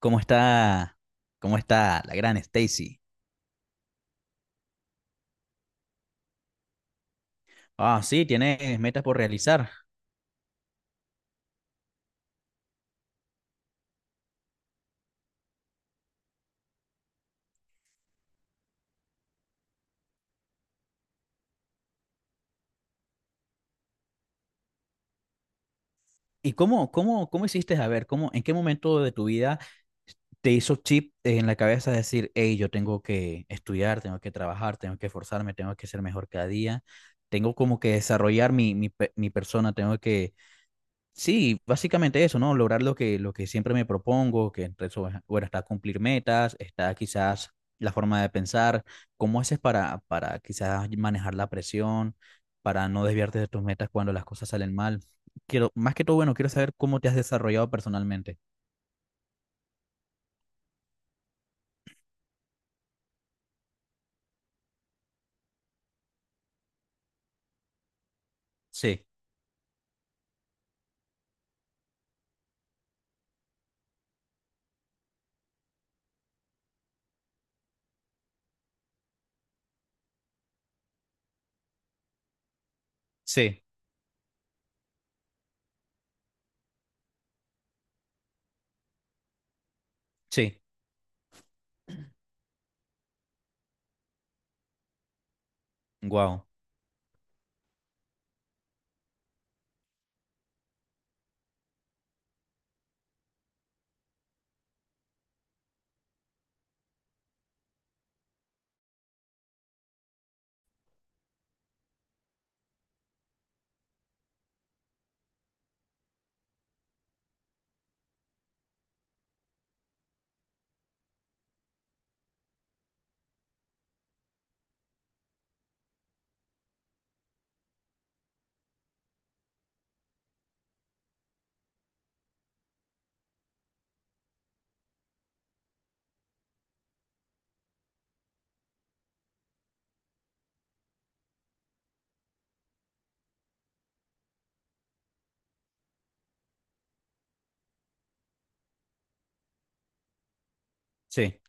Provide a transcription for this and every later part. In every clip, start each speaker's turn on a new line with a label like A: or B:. A: ¿Cómo está? ¿Cómo está la gran Stacy? Ah, sí, tienes metas por realizar. ¿Y cómo hiciste? A ver, ¿cómo, en qué momento de tu vida te hizo chip en la cabeza decir? Hey, yo tengo que estudiar, tengo que trabajar, tengo que esforzarme, tengo que ser mejor cada día, tengo como que desarrollar mi persona, tengo que. Sí, básicamente eso, ¿no? Lograr lo que siempre me propongo, que entre eso, bueno, está cumplir metas, está quizás la forma de pensar, cómo haces para quizás manejar la presión, para no desviarte de tus metas cuando las cosas salen mal. Quiero, más que todo, bueno, quiero saber cómo te has desarrollado personalmente. Sí, sí, sí, wow, sí,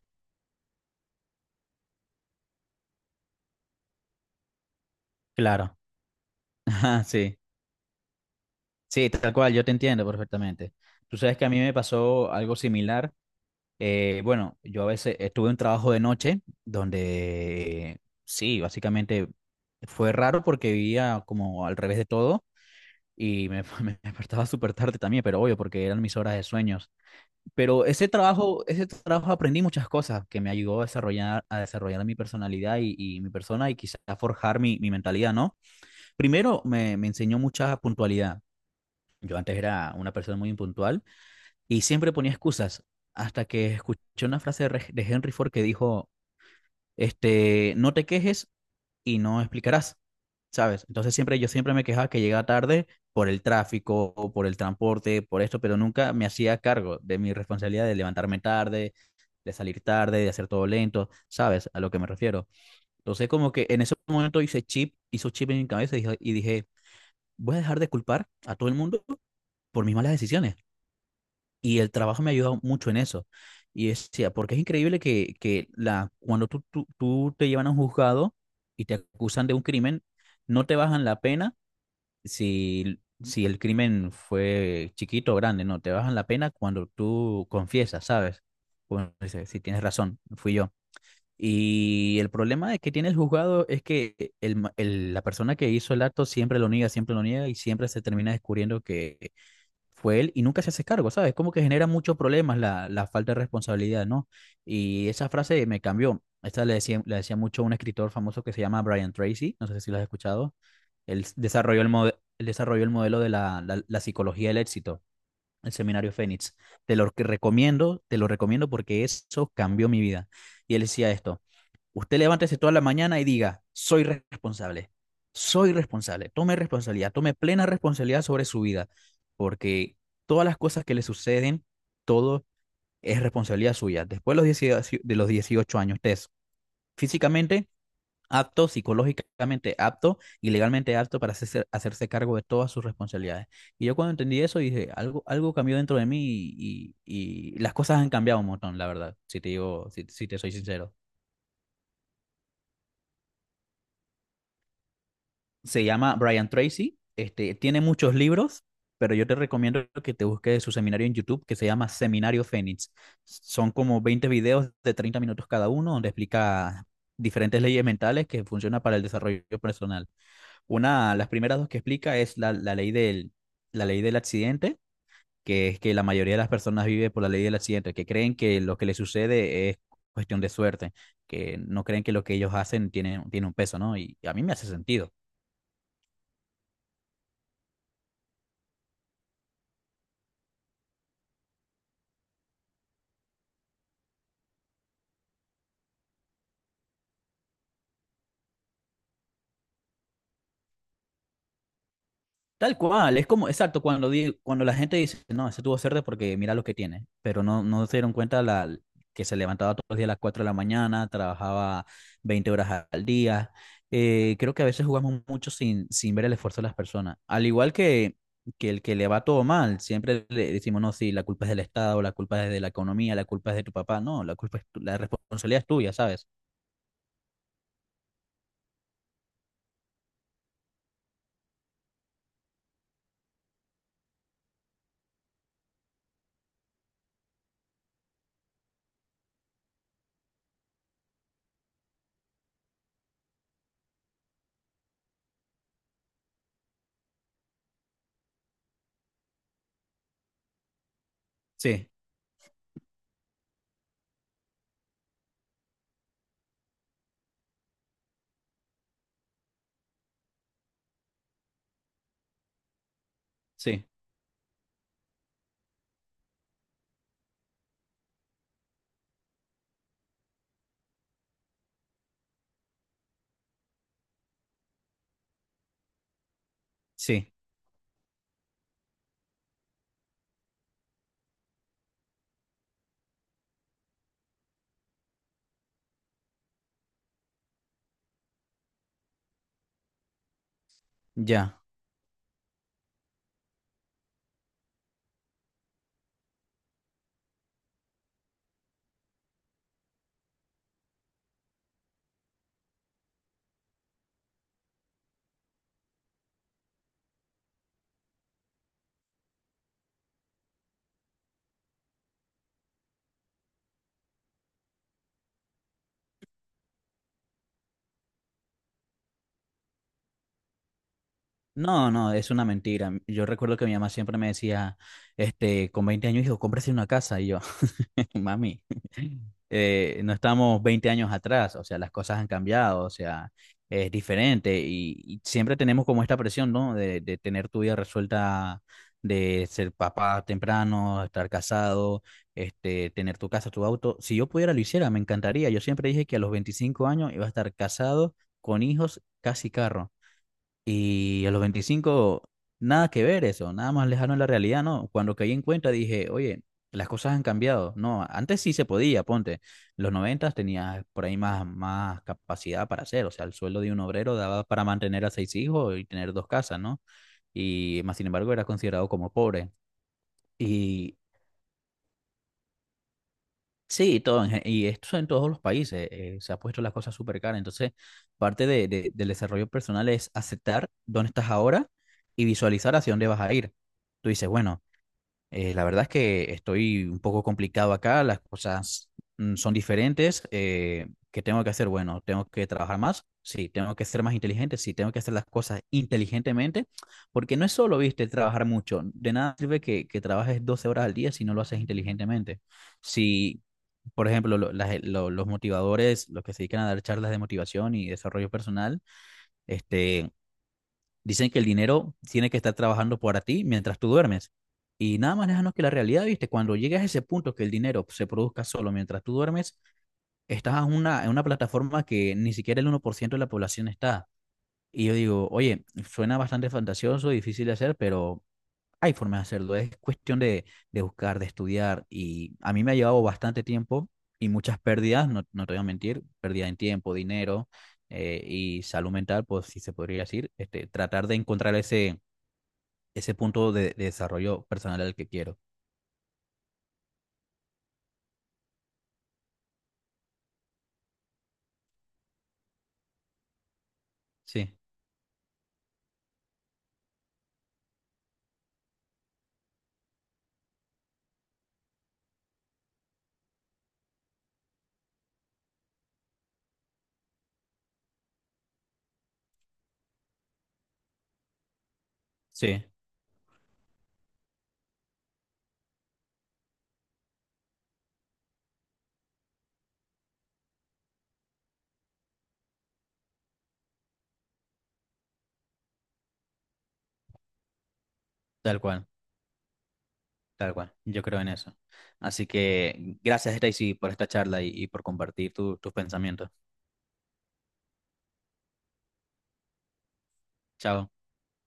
A: claro. Ajá, sí, sí, tal cual, yo te entiendo perfectamente. Tú sabes que a mí me pasó algo similar. Bueno, yo a veces estuve un trabajo de noche donde sí, básicamente fue raro porque vivía como al revés de todo y me despertaba súper tarde también, pero obvio porque eran mis horas de sueños. Pero ese trabajo aprendí muchas cosas que me ayudó a desarrollar mi personalidad y mi persona y quizás a forjar mi mentalidad, ¿no? Primero me enseñó mucha puntualidad. Yo antes era una persona muy impuntual y siempre ponía excusas hasta que escuché una frase de de Henry Ford que dijo, no te quejes y no explicarás, ¿sabes? Entonces siempre yo siempre me quejaba que llegaba tarde por el tráfico, o por el transporte, por esto, pero nunca me hacía cargo de mi responsabilidad de levantarme tarde, de salir tarde, de hacer todo lento, ¿sabes? A lo que me refiero. Entonces como que en ese momento hizo chip en mi cabeza y dije, voy a dejar de culpar a todo el mundo por mis malas decisiones. Y el trabajo me ha ayudado mucho en eso. Y es decía, porque es increíble cuando tú te llevan a un juzgado y te acusan de un crimen, no te bajan la pena si el crimen fue chiquito o grande, no, te bajan la pena cuando tú confiesas, ¿sabes? Bueno, dice, sí, tienes razón, fui yo. Y el problema de que tiene el juzgado es que la persona que hizo el acto siempre lo niega y siempre se termina descubriendo que fue él y nunca se hace cargo, ¿sabes? Como que genera muchos problemas la falta de responsabilidad, ¿no? Y esa frase me cambió. Esta le decía mucho a un escritor famoso que se llama Brian Tracy, no sé si lo has escuchado. Él desarrolló el modelo de la psicología del éxito, el seminario Fénix. Te lo recomiendo porque eso cambió mi vida. Y él decía esto. Usted levántese toda la mañana y diga, soy responsable, tome responsabilidad, tome plena responsabilidad sobre su vida, porque todas las cosas que le suceden, todo es responsabilidad suya. Después de los 18 años, usted es físicamente apto, psicológicamente apto y legalmente apto para hacerse cargo de todas sus responsabilidades. Y yo cuando entendí eso dije, algo cambió dentro de mí y las cosas han cambiado un montón, la verdad, si te digo, si te soy sincero. Se llama Brian Tracy. Tiene muchos libros, pero yo te recomiendo que te busques su seminario en YouTube que se llama Seminario Fénix. Son como 20 videos de 30 minutos cada uno donde explica diferentes leyes mentales que funcionan para el desarrollo personal. Una, las primeras dos que explica es la ley del accidente, que es que la mayoría de las personas vive por la ley del accidente, que creen que lo que les sucede es cuestión de suerte, que no creen que lo que ellos hacen tiene un peso, ¿no? Y a mí me hace sentido. Tal cual, es como, exacto, cuando la gente dice, no, ese tuvo cerdo porque mira lo que tiene, pero no, no se dieron cuenta la, que se levantaba todos los días a las 4 de la mañana, trabajaba 20 horas al día. Creo que a veces jugamos mucho sin ver el esfuerzo de las personas. Al igual que el que le va todo mal, siempre le decimos, no, sí, la culpa es del Estado, la culpa es de la economía, la culpa es de tu papá. No, la responsabilidad es tuya, ¿sabes? Sí, sí, sí. Ya. No, no, es una mentira. Yo recuerdo que mi mamá siempre me decía, con 20 años, hijo, cómprese una casa. Y yo, mami, no estamos 20 años atrás, o sea, las cosas han cambiado, o sea, es diferente. Y siempre tenemos como esta presión, ¿no? De tener tu vida resuelta, de ser papá temprano, estar casado, tener tu casa, tu auto. Si yo pudiera, lo hiciera, me encantaría. Yo siempre dije que a los 25 años iba a estar casado, con hijos, casi carro. Y a los 25 nada que ver eso, nada más lejano de la realidad, ¿no? Cuando caí en cuenta dije, oye, las cosas han cambiado. No, antes sí se podía, ponte. Los 90 tenías por ahí más capacidad para hacer, o sea, el sueldo de un obrero daba para mantener a seis hijos y tener dos casas, ¿no? Y más sin embargo era considerado como pobre. Y sí, y esto en todos los países se ha puesto las cosas súper caras. Entonces, parte del desarrollo personal es aceptar dónde estás ahora y visualizar hacia dónde vas a ir. Tú dices, bueno, la verdad es que estoy un poco complicado acá, las cosas son diferentes. ¿Qué tengo que hacer? Bueno, tengo que trabajar más. Sí, tengo que ser más inteligente. Sí, tengo que hacer las cosas inteligentemente. Porque no es solo, viste, trabajar mucho. De nada sirve que trabajes 12 horas al día si no lo haces inteligentemente. Si por ejemplo, los motivadores, los que se dedican a dar charlas de motivación y desarrollo personal, este, dicen que el dinero tiene que estar trabajando para ti mientras tú duermes. Y nada más déjanos que la realidad, viste, cuando llegas a ese punto que el dinero se produzca solo mientras tú duermes, estás en una plataforma que ni siquiera el 1% de la población está. Y yo digo, oye, suena bastante fantasioso, difícil de hacer, pero hay formas de hacerlo, es cuestión de buscar, de estudiar y a mí me ha llevado bastante tiempo y muchas pérdidas, no, no te voy a mentir, pérdida en tiempo, dinero y salud mental, pues si se podría decir, tratar de encontrar ese punto de desarrollo personal al que quiero. Sí, sí, tal cual, tal cual, yo creo en eso. Así que gracias, Stacy, por esta charla y por compartir tus pensamientos. Chao.